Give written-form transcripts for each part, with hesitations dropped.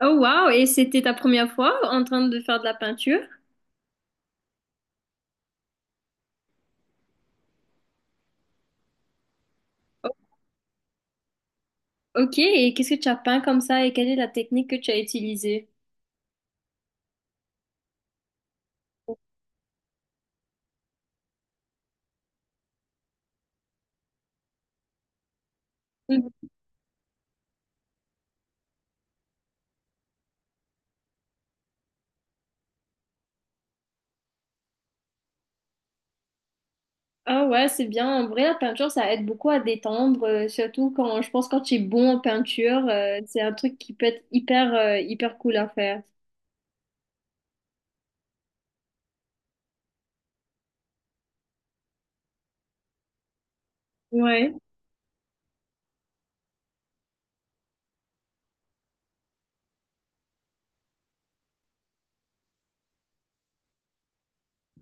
Oh wow, et c'était ta première fois en train de faire de la peinture? O- Ok, et qu'est-ce que tu as peint comme ça et quelle est la technique que tu as utilisée? Mhm. Ah ouais, c'est bien. En vrai, la peinture, ça aide beaucoup à détendre, surtout quand je pense quand tu es bon en peinture, c'est un truc qui peut être hyper, hyper cool à faire. Ouais.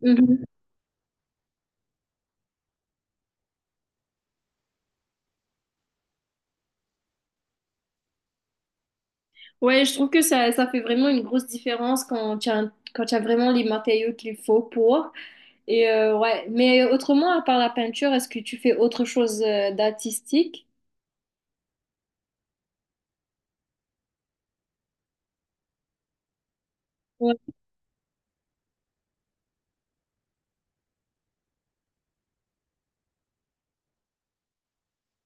Mhm. Ouais, je trouve que ça fait vraiment une grosse différence quand tu as, quand tu as vraiment les matériaux qu'il faut pour. Et ouais, mais autrement, à part la peinture, est-ce que tu fais autre chose, d'artistique?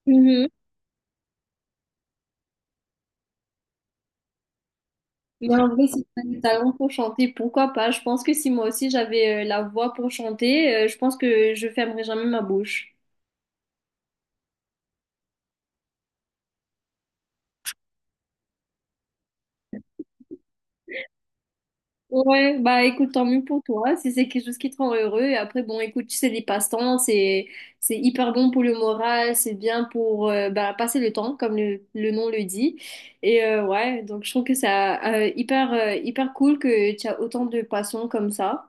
Mhm. Mais en vrai, si tu as du talent pour chanter, pourquoi pas? Je pense que si moi aussi j'avais la voix pour chanter, je pense que je fermerais jamais ma bouche. Ouais, bah écoute, tant mieux pour toi, si c'est quelque chose qui te rend heureux. Et après, bon, écoute, tu sais, les passe-temps, c'est hyper bon pour le moral, c'est bien pour bah, passer le temps, comme le nom le dit. Et ouais, donc je trouve que c'est hyper, hyper cool que tu as autant de passions comme ça.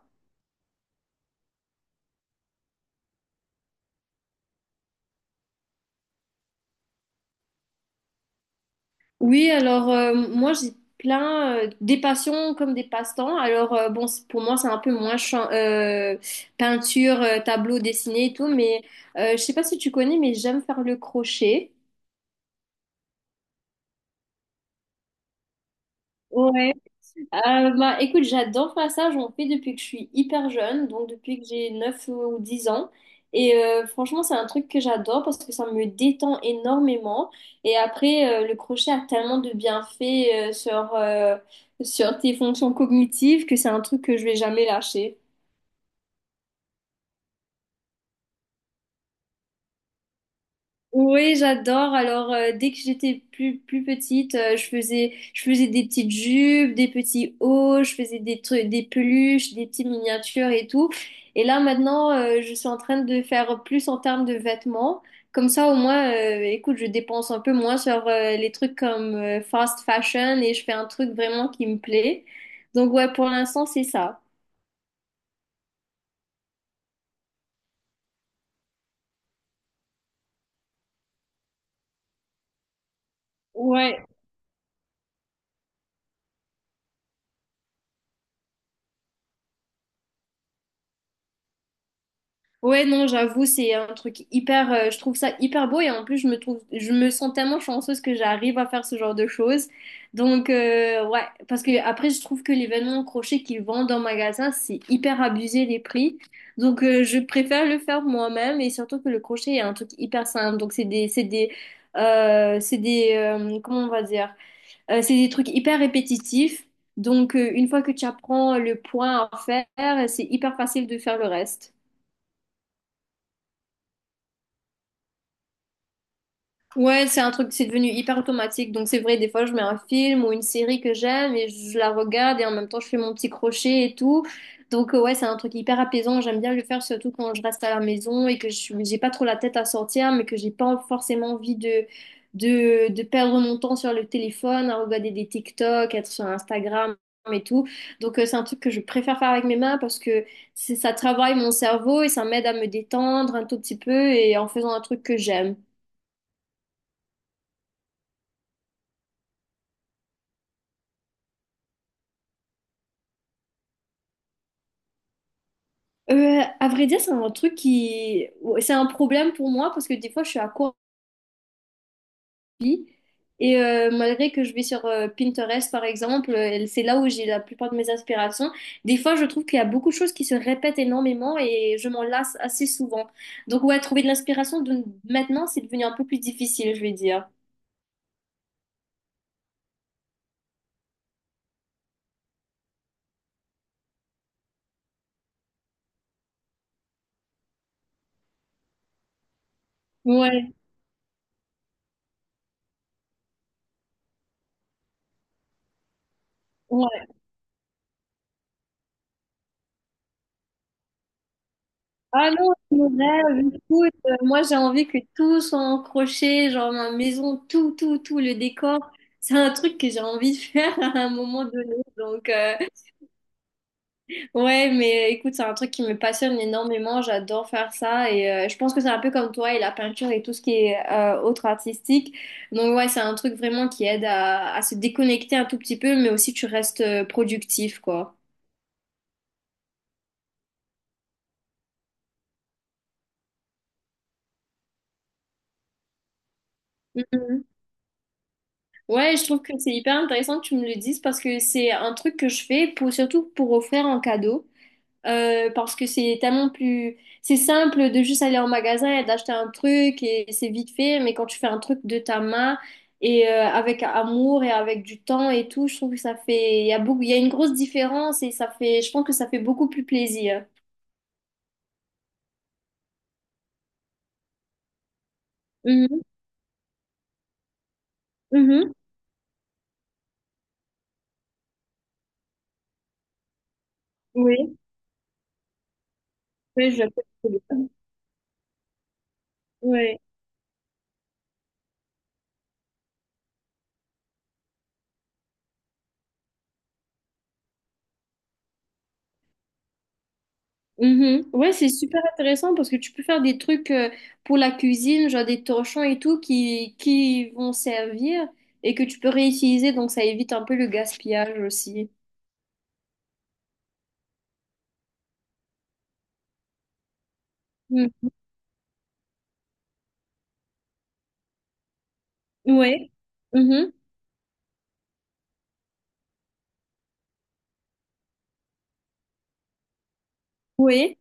Oui, alors moi j'ai plein des passions comme des passe-temps. Alors bon, pour moi c'est un peu moins peinture, tableau dessiné et tout, mais je sais pas si tu connais, mais j'aime faire le crochet. Ouais. Bah, écoute, j'adore faire ça. J'en fais depuis que je suis hyper jeune, donc depuis que j'ai 9 ou 10 ans. Et franchement, c'est un truc que j'adore parce que ça me détend énormément. Et après, le crochet a tellement de bienfaits sur, sur tes fonctions cognitives que c'est un truc que je vais jamais lâcher. Oui, j'adore. Alors, dès que j'étais plus petite, je faisais des petites jupes, des petits hauts, je faisais des trucs, des peluches, des petites miniatures et tout. Et là, maintenant, je suis en train de faire plus en termes de vêtements. Comme ça, au moins, écoute, je dépense un peu moins sur les trucs comme fast fashion et je fais un truc vraiment qui me plaît. Donc, ouais, pour l'instant, c'est ça. Ouais. Ouais, non, j'avoue, c'est un truc hyper, je trouve ça hyper beau et en plus, je me trouve, je me sens tellement chanceuse que j'arrive à faire ce genre de choses. Donc, ouais, parce que après, je trouve que les vêtements crochés qu'ils vendent en magasin, c'est hyper abusé les prix. Donc, je préfère le faire moi-même et surtout que le crochet est un truc hyper simple. Donc, comment on va dire, euh, c'est des trucs hyper répétitifs. Donc, une fois que tu apprends le point à faire, c'est hyper facile de faire le reste. Ouais, c'est un truc, c'est devenu hyper automatique. Donc c'est vrai, des fois je mets un film ou une série que j'aime et je la regarde et en même temps je fais mon petit crochet et tout. Donc ouais, c'est un truc hyper apaisant. J'aime bien le faire surtout quand je reste à la maison et que j'ai pas trop la tête à sortir, mais que j'ai pas forcément envie de, de perdre mon temps sur le téléphone, à regarder des TikTok, être sur Instagram et tout. Donc c'est un truc que je préfère faire avec mes mains parce que ça travaille mon cerveau et ça m'aide à me détendre un tout petit peu et en faisant un truc que j'aime. À vrai dire, c'est un truc qui... ouais, c'est un problème pour moi parce que des fois, je suis à court d'envie. Et malgré que je vais sur Pinterest, par exemple, c'est là où j'ai la plupart de mes inspirations. Des fois, je trouve qu'il y a beaucoup de choses qui se répètent énormément et je m'en lasse assez souvent. Donc, ouais, trouver de l'inspiration de... maintenant, c'est devenu un peu plus difficile, je vais dire. Ouais, ouais. Ah non, mon rêve, écoute, moi j'ai envie que tout soit en crochet, genre ma maison, tout, tout, tout, le décor. C'est un truc que j'ai envie de faire à un moment donné. Donc, ouais, mais écoute, c'est un truc qui me passionne énormément. J'adore faire ça. Et je pense que c'est un peu comme toi et la peinture et tout ce qui est autre artistique. Donc, ouais, c'est un truc vraiment qui aide à se déconnecter un tout petit peu, mais aussi tu restes productif, quoi. Mhm. Ouais, je trouve que c'est hyper intéressant que tu me le dises parce que c'est un truc que je fais pour, surtout pour offrir en cadeau. Parce que c'est tellement plus... C'est simple de juste aller en magasin et d'acheter un truc et c'est vite fait, mais quand tu fais un truc de ta main et avec amour et avec du temps et tout, je trouve que ça fait... Il y a beaucoup... Il y a une grosse différence et ça fait... Je pense que ça fait beaucoup plus plaisir. Mhm, mhm. Oui, oui, Ouais. Mhm. Ouais, c'est super intéressant parce que tu peux faire des trucs pour la cuisine, genre des torchons et tout qui vont servir et que tu peux réutiliser, donc ça évite un peu le gaspillage aussi. Mm. Ouais. Mhm. Ouais.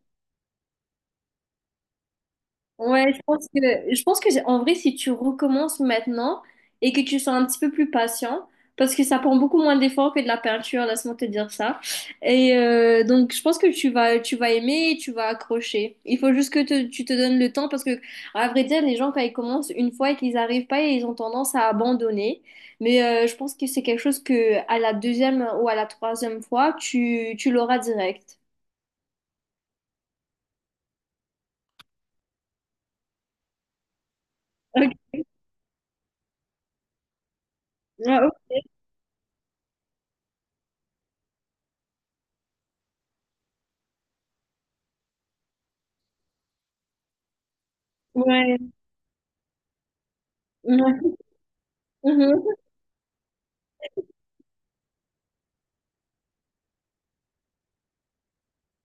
Ouais, je pense que en vrai, si tu recommences maintenant et que tu sois un petit peu plus patient, parce que ça prend beaucoup moins d'efforts que de la peinture, laisse-moi te dire ça. Et donc, je pense que tu vas aimer et tu vas accrocher. Il faut juste que tu te donnes le temps parce que, à vrai dire, les gens, quand ils commencent une fois et qu'ils n'arrivent pas, ils ont tendance à abandonner. Mais je pense que c'est quelque chose que, à la deuxième ou à la troisième fois, tu l'auras direct. Ok. Ah, ok. Ouais. Ouais. Mhm.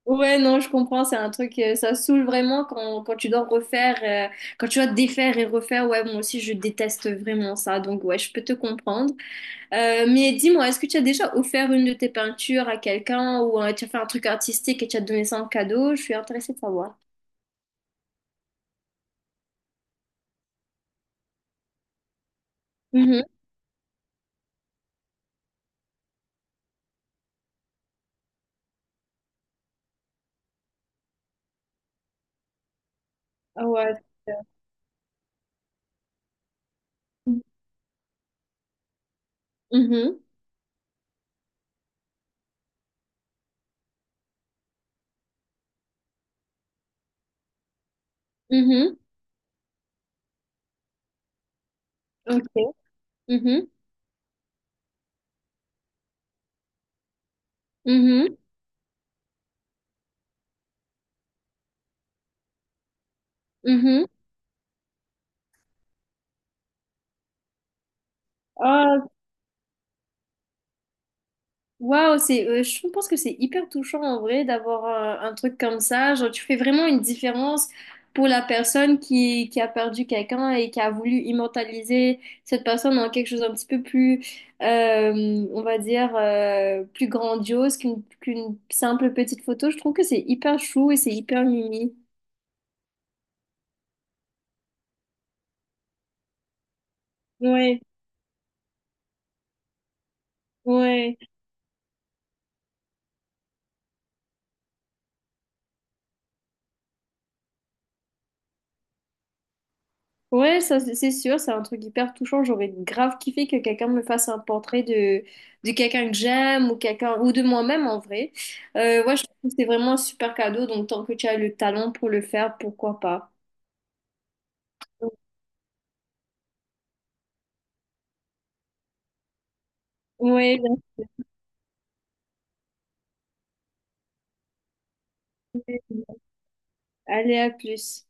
Ouais, non, je comprends, c'est un truc, ça saoule vraiment quand, quand tu dois refaire, quand tu dois défaire et refaire. Ouais, moi aussi, je déteste vraiment ça, donc ouais, je peux te comprendre. Mais dis-moi, est-ce que tu as déjà offert une de tes peintures à quelqu'un ou tu as fait un truc artistique et tu as donné ça en cadeau? Je suis intéressée de savoir. Mhm. Ah, ouais. Mhm. Mhm. Ok. Mhm. Mhm. Mhm. Waouh, c'est, je pense que c'est hyper touchant en vrai d'avoir un truc comme ça. Genre, tu fais vraiment une différence pour la personne qui a perdu quelqu'un et qui a voulu immortaliser cette personne en quelque chose un petit peu plus, on va dire, plus grandiose qu'une qu'une simple petite photo. Je trouve que c'est hyper chou et c'est hyper mimi. Ouais, ouais. Ouais, ça c'est sûr, c'est un truc hyper touchant. J'aurais grave kiffé que quelqu'un me fasse un portrait de quelqu'un que j'aime ou quelqu'un ou de moi-même en vrai. Ouais, je trouve que c'est vraiment un super cadeau, donc tant que tu as le talent pour le faire, pourquoi pas. Ouais, allez, à plus.